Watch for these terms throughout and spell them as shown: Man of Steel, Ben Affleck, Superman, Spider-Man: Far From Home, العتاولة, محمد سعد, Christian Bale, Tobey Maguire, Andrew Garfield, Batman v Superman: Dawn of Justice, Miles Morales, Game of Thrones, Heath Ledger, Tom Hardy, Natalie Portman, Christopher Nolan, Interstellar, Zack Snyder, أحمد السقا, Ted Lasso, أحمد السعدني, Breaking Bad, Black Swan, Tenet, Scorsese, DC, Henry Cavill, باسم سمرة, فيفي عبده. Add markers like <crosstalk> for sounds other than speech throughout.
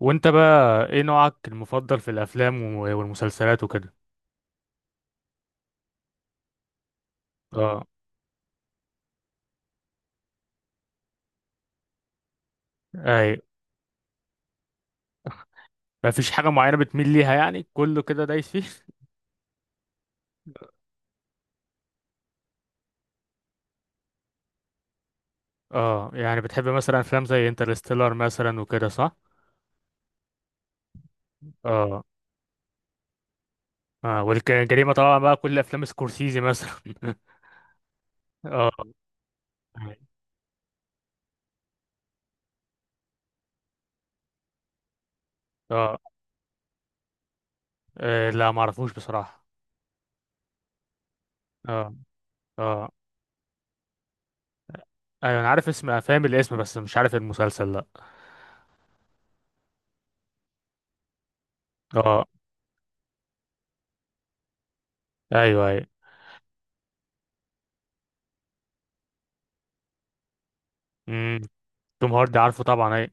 وانت بقى ايه نوعك المفضل في الافلام والمسلسلات وكده. اه، اي. مفيش حاجه معينه بتميل ليها، يعني كله كده دايس فيه. <laughs> اه، يعني بتحب مثلا افلام زي انترستيلر مثلا وكده، صح؟ اه. اه، والجريمه طبعا بقى، كل افلام سكورسيزي مثلا. <laughs> اه. اه، آه، لا، ما اعرفوش بصراحه. اه. اه، ايوه انا عارف اسم، فاهم الاسم، بس مش عارف المسلسل، لا. اه. ايوه ايوه. امم. توم هاردي عارفه طبعا، اي.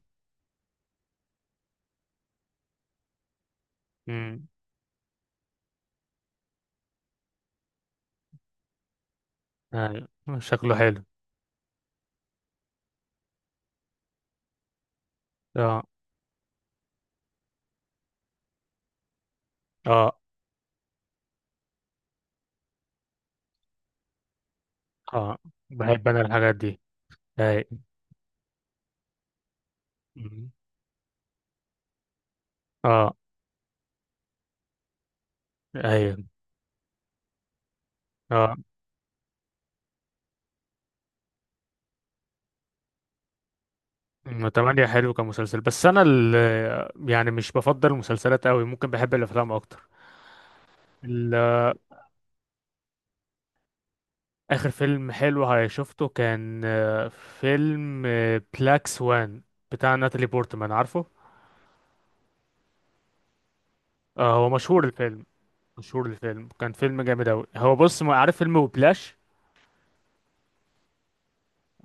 امم. ايوه، شكله حلو. اه. اه. اه، بحب انا الحاجات دي. اي. مم. اه. ايوه. اه. أم، تمانية حلو كمسلسل، بس انا يعني مش بفضل المسلسلات قوي، ممكن بحب الافلام اكتر. ال- اخر فيلم حلو شفته كان فيلم بلاك سوان، بتاع ناتالي بورتمان، عارفه. آه، هو مشهور الفيلم. مشهور الفيلم، كان فيلم جامد قوي. هو بص، ما عارف فيلم، وبلاش.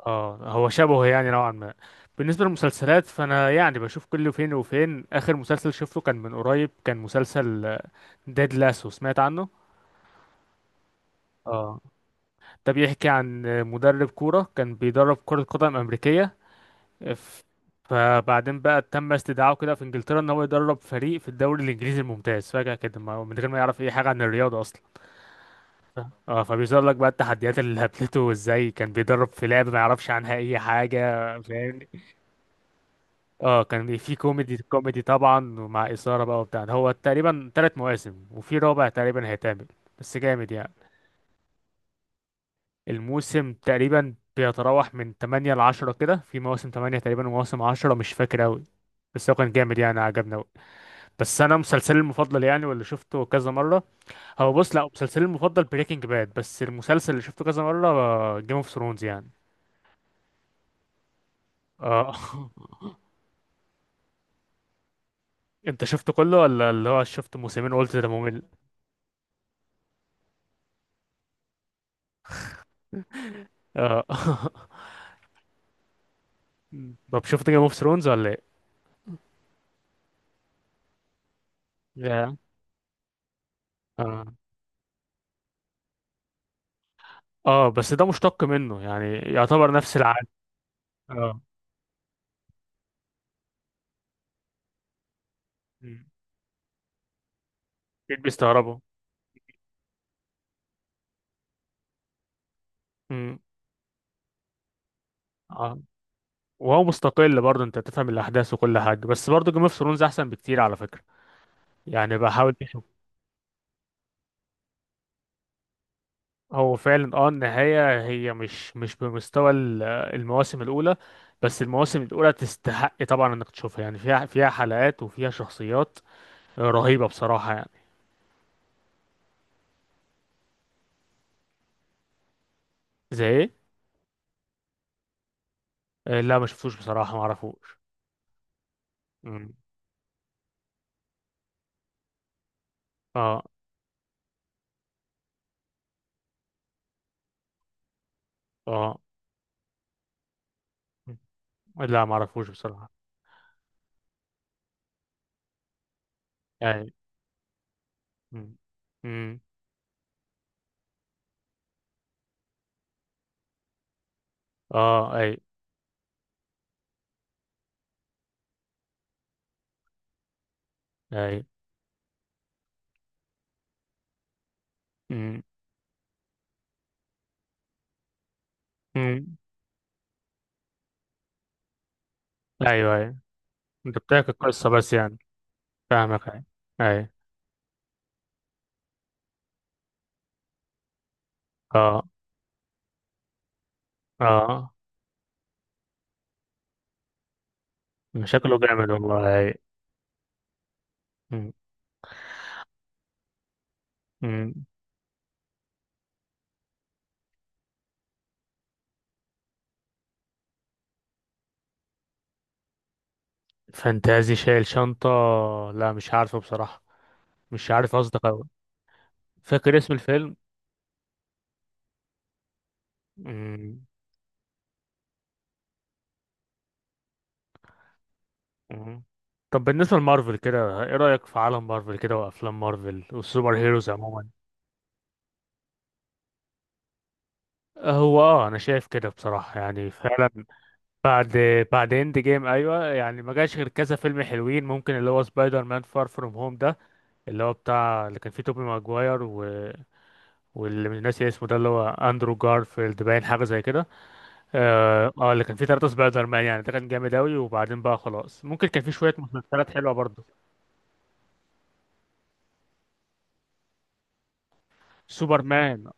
اه، هو شبهه يعني نوعا ما. بالنسبة للمسلسلات، فأنا يعني بشوف كل فين وفين. آخر مسلسل شفته كان من قريب، كان مسلسل ديد لاسو، سمعت عنه؟ اه. ده بيحكي عن مدرب كورة، كان بيدرب كرة قدم أمريكية. ف- فبعدين بقى تم استدعائه كده في إنجلترا، إن هو يدرب فريق في الدوري الإنجليزي الممتاز، فجأة كده، من غير ما يعرف أي حاجة عن الرياضة أصلا. اه، فبيظهر لك بقى التحديات اللي قابلته، وازاي كان بيدرب في لعبة ما يعرفش عنها أي حاجة، فاهم. اه، كان في كوميدي كوميدي طبعا، ومع إثارة بقى وبتاع ده. هو تقريبا تلات مواسم، وفي رابع تقريبا هيتعمل. بس جامد يعني. الموسم تقريبا بيتراوح من تمانية لعشرة كده. في مواسم تمانية تقريبا، ومواسم عشرة، مش فاكر أوي. بس هو كان جامد يعني، عجبنا أوي. بس أنا مسلسلي المفضل يعني، واللي شفته كذا مرة، هو بص، لأ، مسلسلي المفضل بريكنج باد، بس المسلسل اللي شفته كذا مرة جيم اوف ثرونز يعني. اه. <laughs> انت شفته كله، ولا اللي هو شفت موسمين قلت ده ممل؟ اه. <laughs> مم. طب شفت جيم اوف ثرونز ولا ايه؟ يا. اه. اه، بس ده مشتق منه يعني، يعتبر نفس العالم. اه. مم. اكيد بيستغربوا. مم. اه، وهو مستقل برضه، انت تفهم الاحداث وكل حاجه، بس برضه جيم اوف ثرونز احسن بكتير على فكره، يعني بحاول اشوف. هو فعلا اه، النهايه هي مش بمستوى المواسم الاولى، بس المواسم الاولى تستحق طبعا انك تشوفها، يعني فيها حلقات وفيها شخصيات رهيبه بصراحه يعني. زي ايه؟ آه، لا، ما شفتوش بصراحه، ما اعرفوش. مم. اه. اه، لا ما اعرفوش بصراحة. اي. مم. مم. اه. اي. اي. مم. مم. ايوه. اي. انت بتحكي القصة بس يعني، فاهمك. اي. اي. اه. اه، شكله جامد والله. اي. مم. مم. فانتازي، شايل شنطة؟ لا مش عارفه بصراحة. مش عارف قصدك اوي. فاكر اسم الفيلم؟ مم. مم. طب بالنسبة لمارفل كده، ايه رأيك في عالم مارفل كده وافلام مارفل والسوبر هيروز عموما؟ هو اه، انا شايف كده بصراحه يعني فعلا. بعد بعد اند جيم، ايوه يعني، ما جاش غير كذا فيلم حلوين، ممكن اللي هو سبايدر مان فار فروم هوم ده، اللي هو بتاع اللي كان فيه توبي ماجواير واللي مش ناسي اسمه ده، اللي هو اندرو جارفيلد، باين حاجه زي كده. اه، اللي كان فيه ثلاثه سبايدر مان يعني، ده كان جامد اوي. وبعدين بقى خلاص، ممكن كان فيه شويه مسلسلات حلوه برضه. سوبر مان.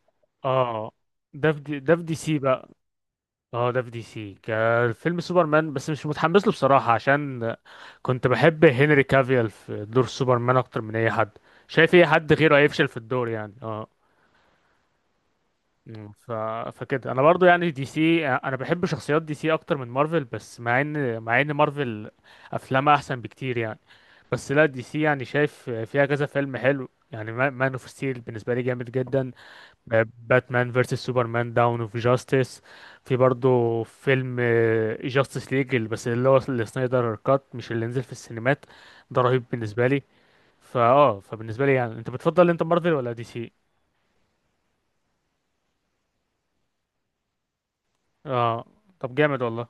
اه. ده في دي، ده في دي سي بقى. اه، ده في دي سي، كان فيلم سوبرمان بس مش متحمس له بصراحة، عشان كنت بحب هنري كافيل في دور سوبرمان اكتر من اي حد. شايف اي حد غيره هيفشل في الدور يعني، اه. مم. فكده انا برضو يعني، دي سي، انا بحب شخصيات دي سي اكتر من مارفل، بس مع ان مارفل افلامها احسن بكتير يعني. بس لا، دي سي يعني شايف فيها كذا فيلم حلو يعني. مان اوف ستيل بالنسبة لي جامد جدا. باتمان فيرسس سوبرمان داون اوف جاستس. في برضه فيلم جاستس ليج، بس اللي هو السنايدر كات، مش اللي نزل في السينمات، ده رهيب بالنسبه لي. فاه، فبالنسبه لي يعني، انت بتفضل انت مارفل ولا دي سي؟ اه، طب جامد والله.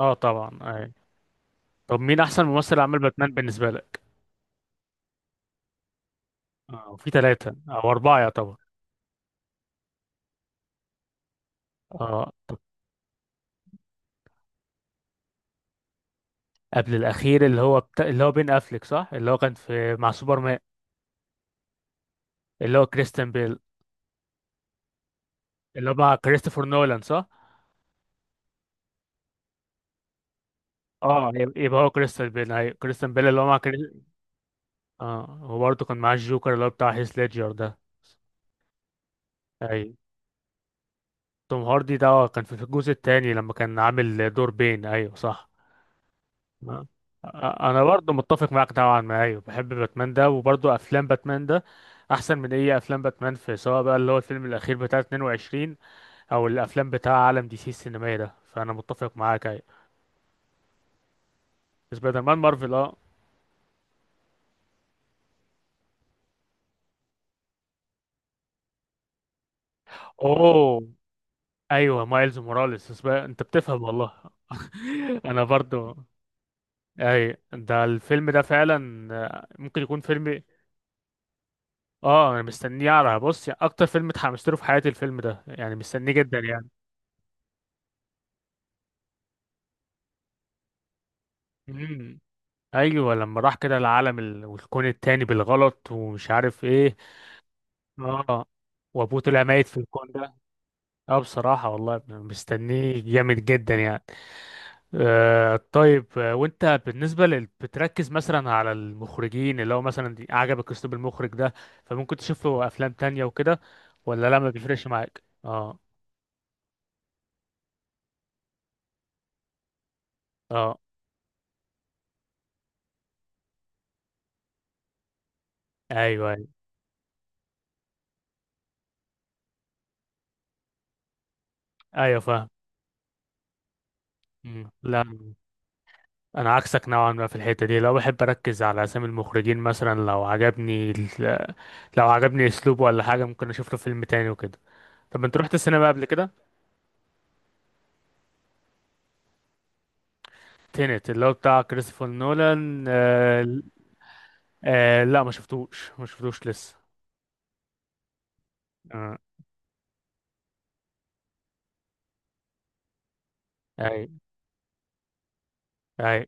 اه طبعا، آه. طب مين احسن ممثل عمل باتمان بالنسبه لك؟ اه، في ثلاثه او اربعه يعتبر. اه. طب قبل الاخير، اللي هو اللي هو بين افليك، صح؟ اللي هو كان في مع سوبرمان. اللي هو كريستيان بيل، اللي هو مع كريستوفر نولان، صح؟ اه، يبقى هو كريستال بيل. ايوه، كريستال بيل، اللي هو مع كريس. اه، وبرضه كان معاه الجوكر، اللي هو بتاع هيث ليدجر ده. ايوه، توم هاردي ده كان في الجزء الثاني، لما كان عامل دور بين، ايوه صح. آه. آه، انا برضه متفق معاك طبعا، ما ايوه بحب باتمان ده، وبرضه افلام باتمان ده احسن من اي افلام باتمان. في سواء بقى، اللي هو الفيلم الاخير بتاع 22، او الافلام بتاع عالم دي سي السينمائي ده، فانا متفق معاك ايوه. سبايدر مان مارفل، اه. اوه، ايوه مايلز موراليس، انت بتفهم والله. <laughs> انا برضو. اي، ده الفيلم ده فعلا ممكن يكون فيلم. اه، انا مستنيه على بص يعني، اكتر فيلم اتحمست له في حياتي الفيلم ده، يعني مستنيه جدا يعني. امم. ايوه لما راح كده العالم والكون التاني بالغلط ومش عارف ايه. اه. وابوه طلع ميت في الكون ده. اه بصراحه والله مستنيه جامد جدا يعني. آه طيب، وانت بالنسبة بتركز مثلا على المخرجين، اللي هو مثلا عجبك اسلوب المخرج ده، فممكن تشوف له افلام تانية وكده، ولا لا، ما بيفرقش معاك؟ اه. اه. ايوه ايوه. ايوه فاهم. مم. لا، انا عكسك نوعا ما في الحتة دي، لو بحب اركز على اسامي المخرجين مثلا. لو عجبني لو عجبني اسلوبه ولا حاجة، ممكن اشوف له فيلم تاني وكده. طب انت رحت السينما قبل كده؟ تينت اللي هو بتاع كريستوفر نولان، آه. آه، لا ما شفتوش لسه. آه. اي. اي.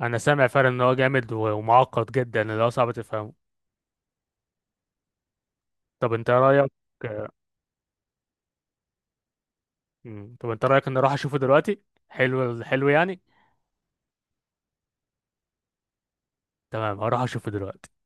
انا سامع فعلا ان هو جامد ومعقد جدا، اللي هو صعب تفهمه. طب انت رايك؟ آه، مم. طب انت رايك ان اروح اشوفه دلوقتي؟ حلو، حلو يعني. تمام، هروح اشوفه دلوقتي.